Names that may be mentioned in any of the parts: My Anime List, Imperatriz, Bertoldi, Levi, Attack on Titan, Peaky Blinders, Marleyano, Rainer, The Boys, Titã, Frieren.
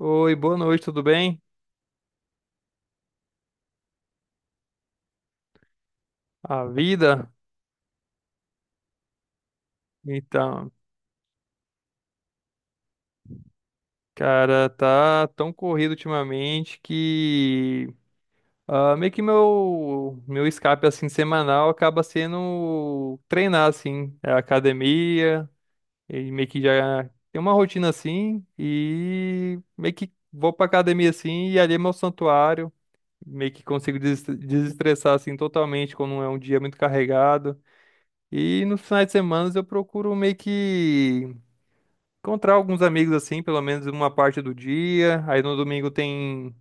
Oi, boa noite, tudo bem? A vida? Então, cara, tá tão corrido ultimamente que meio que meu escape assim semanal acaba sendo treinar assim, é academia, e meio que já tem uma rotina assim e meio que vou pra academia assim e ali é meu santuário, meio que consigo desestressar assim totalmente quando é um dia muito carregado. E nos finais de semana eu procuro meio que encontrar alguns amigos assim, pelo menos uma parte do dia. Aí no domingo tem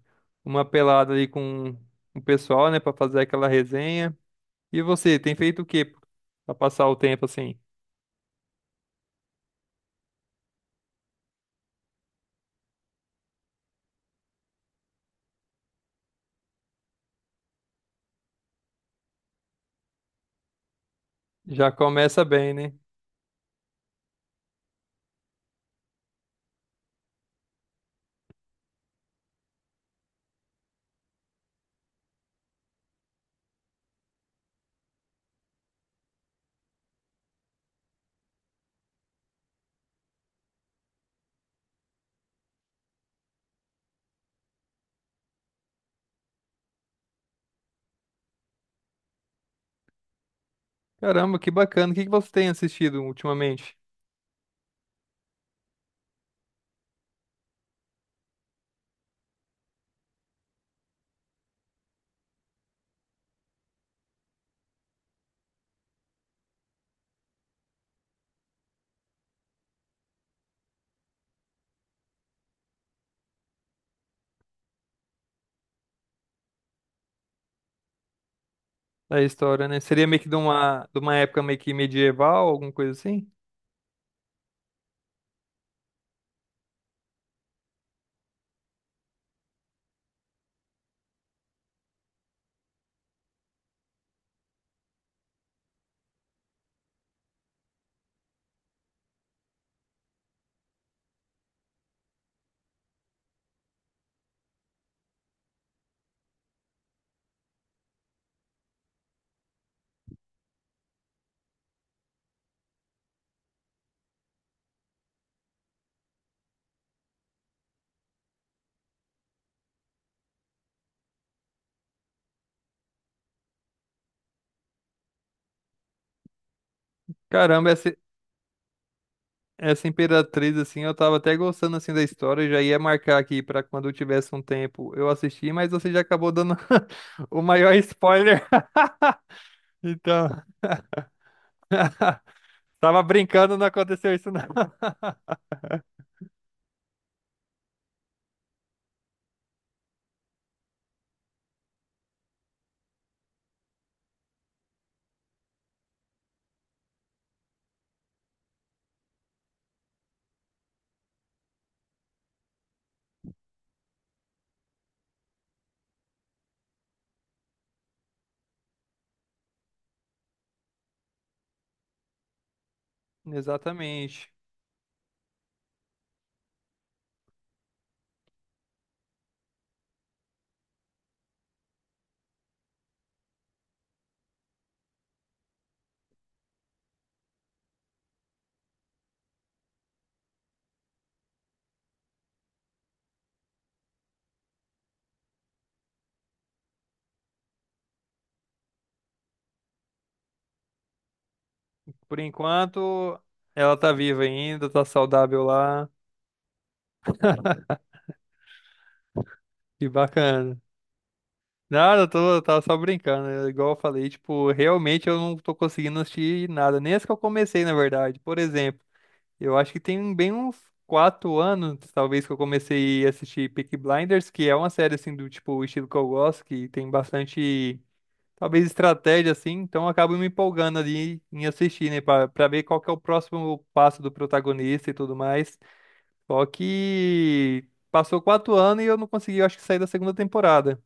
uma pelada ali com o pessoal, né, pra fazer aquela resenha. E você, tem feito o quê pra passar o tempo assim? Já começa bem, né? Caramba, que bacana. O que que você tem assistido ultimamente? Da história, né? Seria meio que de uma época meio que medieval, alguma coisa assim? Caramba, essa Imperatriz, assim, eu tava até gostando, assim, da história, eu já ia marcar aqui pra quando eu tivesse um tempo eu assistir, mas você já acabou dando o maior spoiler. Então, tava brincando, não aconteceu isso, não. Exatamente. Por enquanto, ela tá viva ainda, tá saudável lá, que bacana. Nada, eu tava só brincando, é igual eu falei, tipo, realmente eu não tô conseguindo assistir nada, nem as que eu comecei, na verdade. Por exemplo, eu acho que tem bem uns quatro anos, talvez, que eu comecei a assistir Peaky Blinders, que é uma série, assim, do tipo, estilo que eu gosto, que tem bastante, talvez, estratégia, assim, então eu acabo me empolgando ali em assistir, né, pra ver qual que é o próximo passo do protagonista e tudo mais. Só que passou quatro anos e eu não consegui, eu acho que, sair da segunda temporada.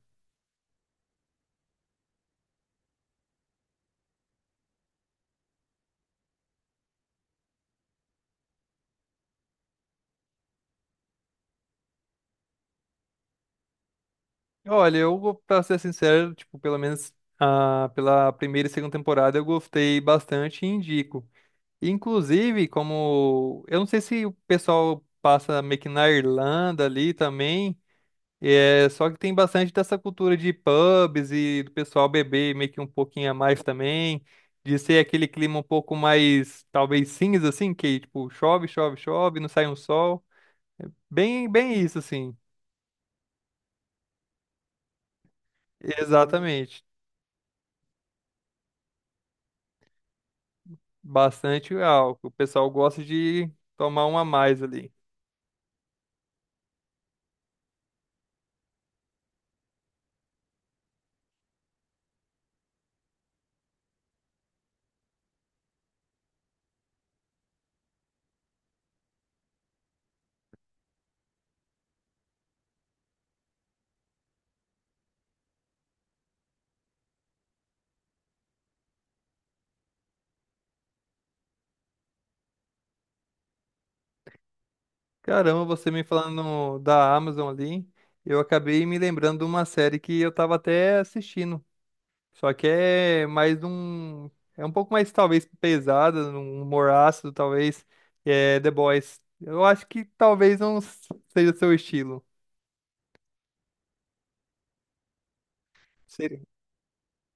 Olha, pra ser sincero, tipo, pelo menos pela primeira e segunda temporada eu gostei bastante e indico. Inclusive, como eu não sei se o pessoal passa meio que na Irlanda ali também, é só que tem bastante dessa cultura de pubs e do pessoal beber meio que um pouquinho a mais também, de ser aquele clima um pouco mais talvez cinza assim, que tipo chove, chove, chove, não sai um sol, bem, bem isso assim. Exatamente. Bastante álcool. O pessoal gosta de tomar um a mais ali. Caramba, você me falando da Amazon ali, eu acabei me lembrando de uma série que eu tava até assistindo. Só que é mais um. É um pouco mais, talvez, pesada, um humor ácido, talvez. É The Boys. Eu acho que talvez não seja o seu estilo.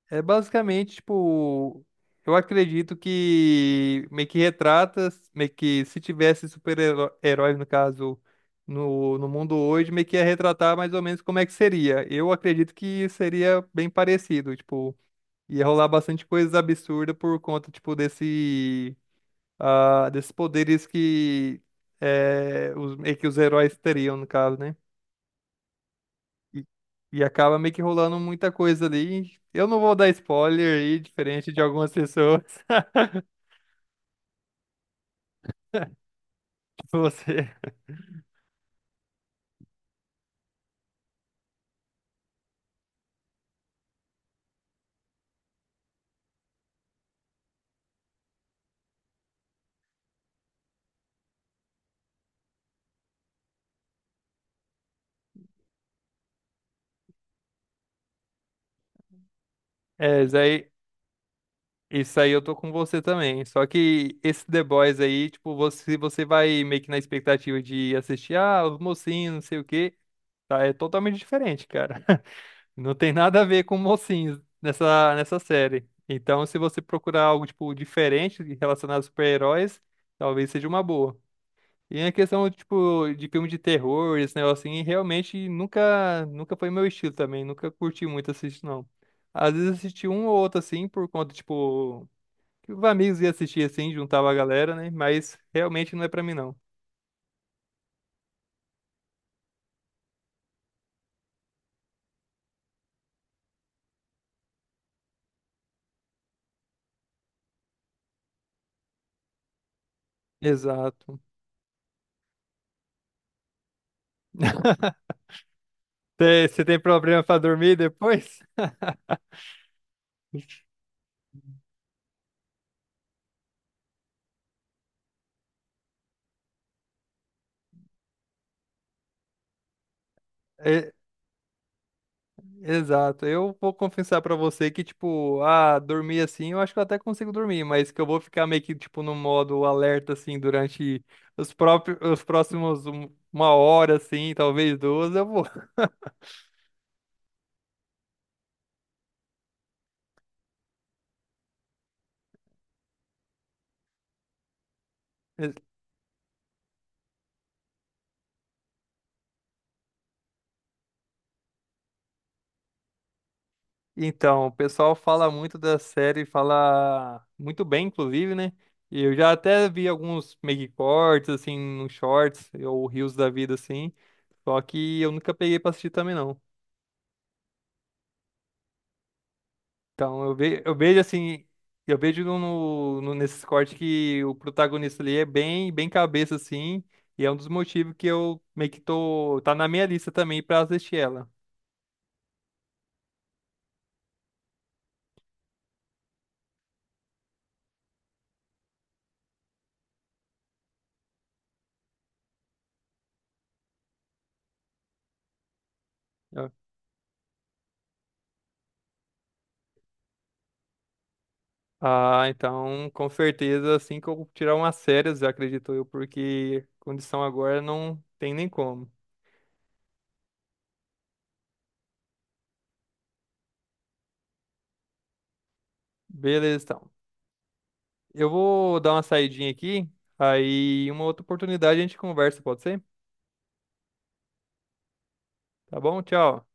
É basicamente, tipo, eu acredito que meio que retrata, meio que se tivesse super-heróis, no caso, no mundo hoje, meio que ia retratar mais ou menos como é que seria. Eu acredito que seria bem parecido, tipo, ia rolar bastante coisas absurdas por conta, tipo, desse, desses poderes que, é, os, meio que os heróis teriam, no caso, né? E, e acaba meio que rolando muita coisa ali. Eu não vou dar spoiler aí, diferente de algumas pessoas. Você. É, isso aí eu tô com você também. Só que esse The Boys aí, tipo, você vai meio que na expectativa de assistir, ah, os mocinhos, não sei o quê. Tá, é totalmente diferente, cara. Não tem nada a ver com mocinhos nessa série. Então, se você procurar algo, tipo, diferente relacionado a super-heróis, talvez seja uma boa. E a questão, tipo, de filme de terror, esse negócio assim, realmente nunca foi meu estilo também, nunca curti muito assistir, não. Às vezes assisti um ou outro, assim, por conta, tipo, que os amigos iam assistir, assim, juntava a galera, né? Mas realmente não é pra mim, não. Exato. Você tem problema pra dormir depois? Exato. Eu vou confessar pra você que, tipo, dormir assim, eu acho que eu até consigo dormir, mas que eu vou ficar meio que, tipo, no modo alerta, assim, durante os próprios, os próximos uma hora, assim, talvez duas, eu vou. Então, o pessoal fala muito da série, fala muito bem, inclusive, né? E eu já até vi alguns meio que cortes, assim, nos shorts, ou reels da vida, assim, só que eu nunca peguei pra assistir também, não. Então, eu vejo assim, eu vejo nesses cortes que o protagonista ali é bem, bem cabeça, assim, e é um dos motivos que eu meio que tá na minha lista também pra assistir ela. Eu- ah, então, com certeza, assim que eu tirar umas férias, eu acredito eu, porque condição agora não tem nem como. Beleza, então. Eu vou dar uma saidinha aqui, aí uma outra oportunidade a gente conversa, pode ser? Tá bom? Tchau.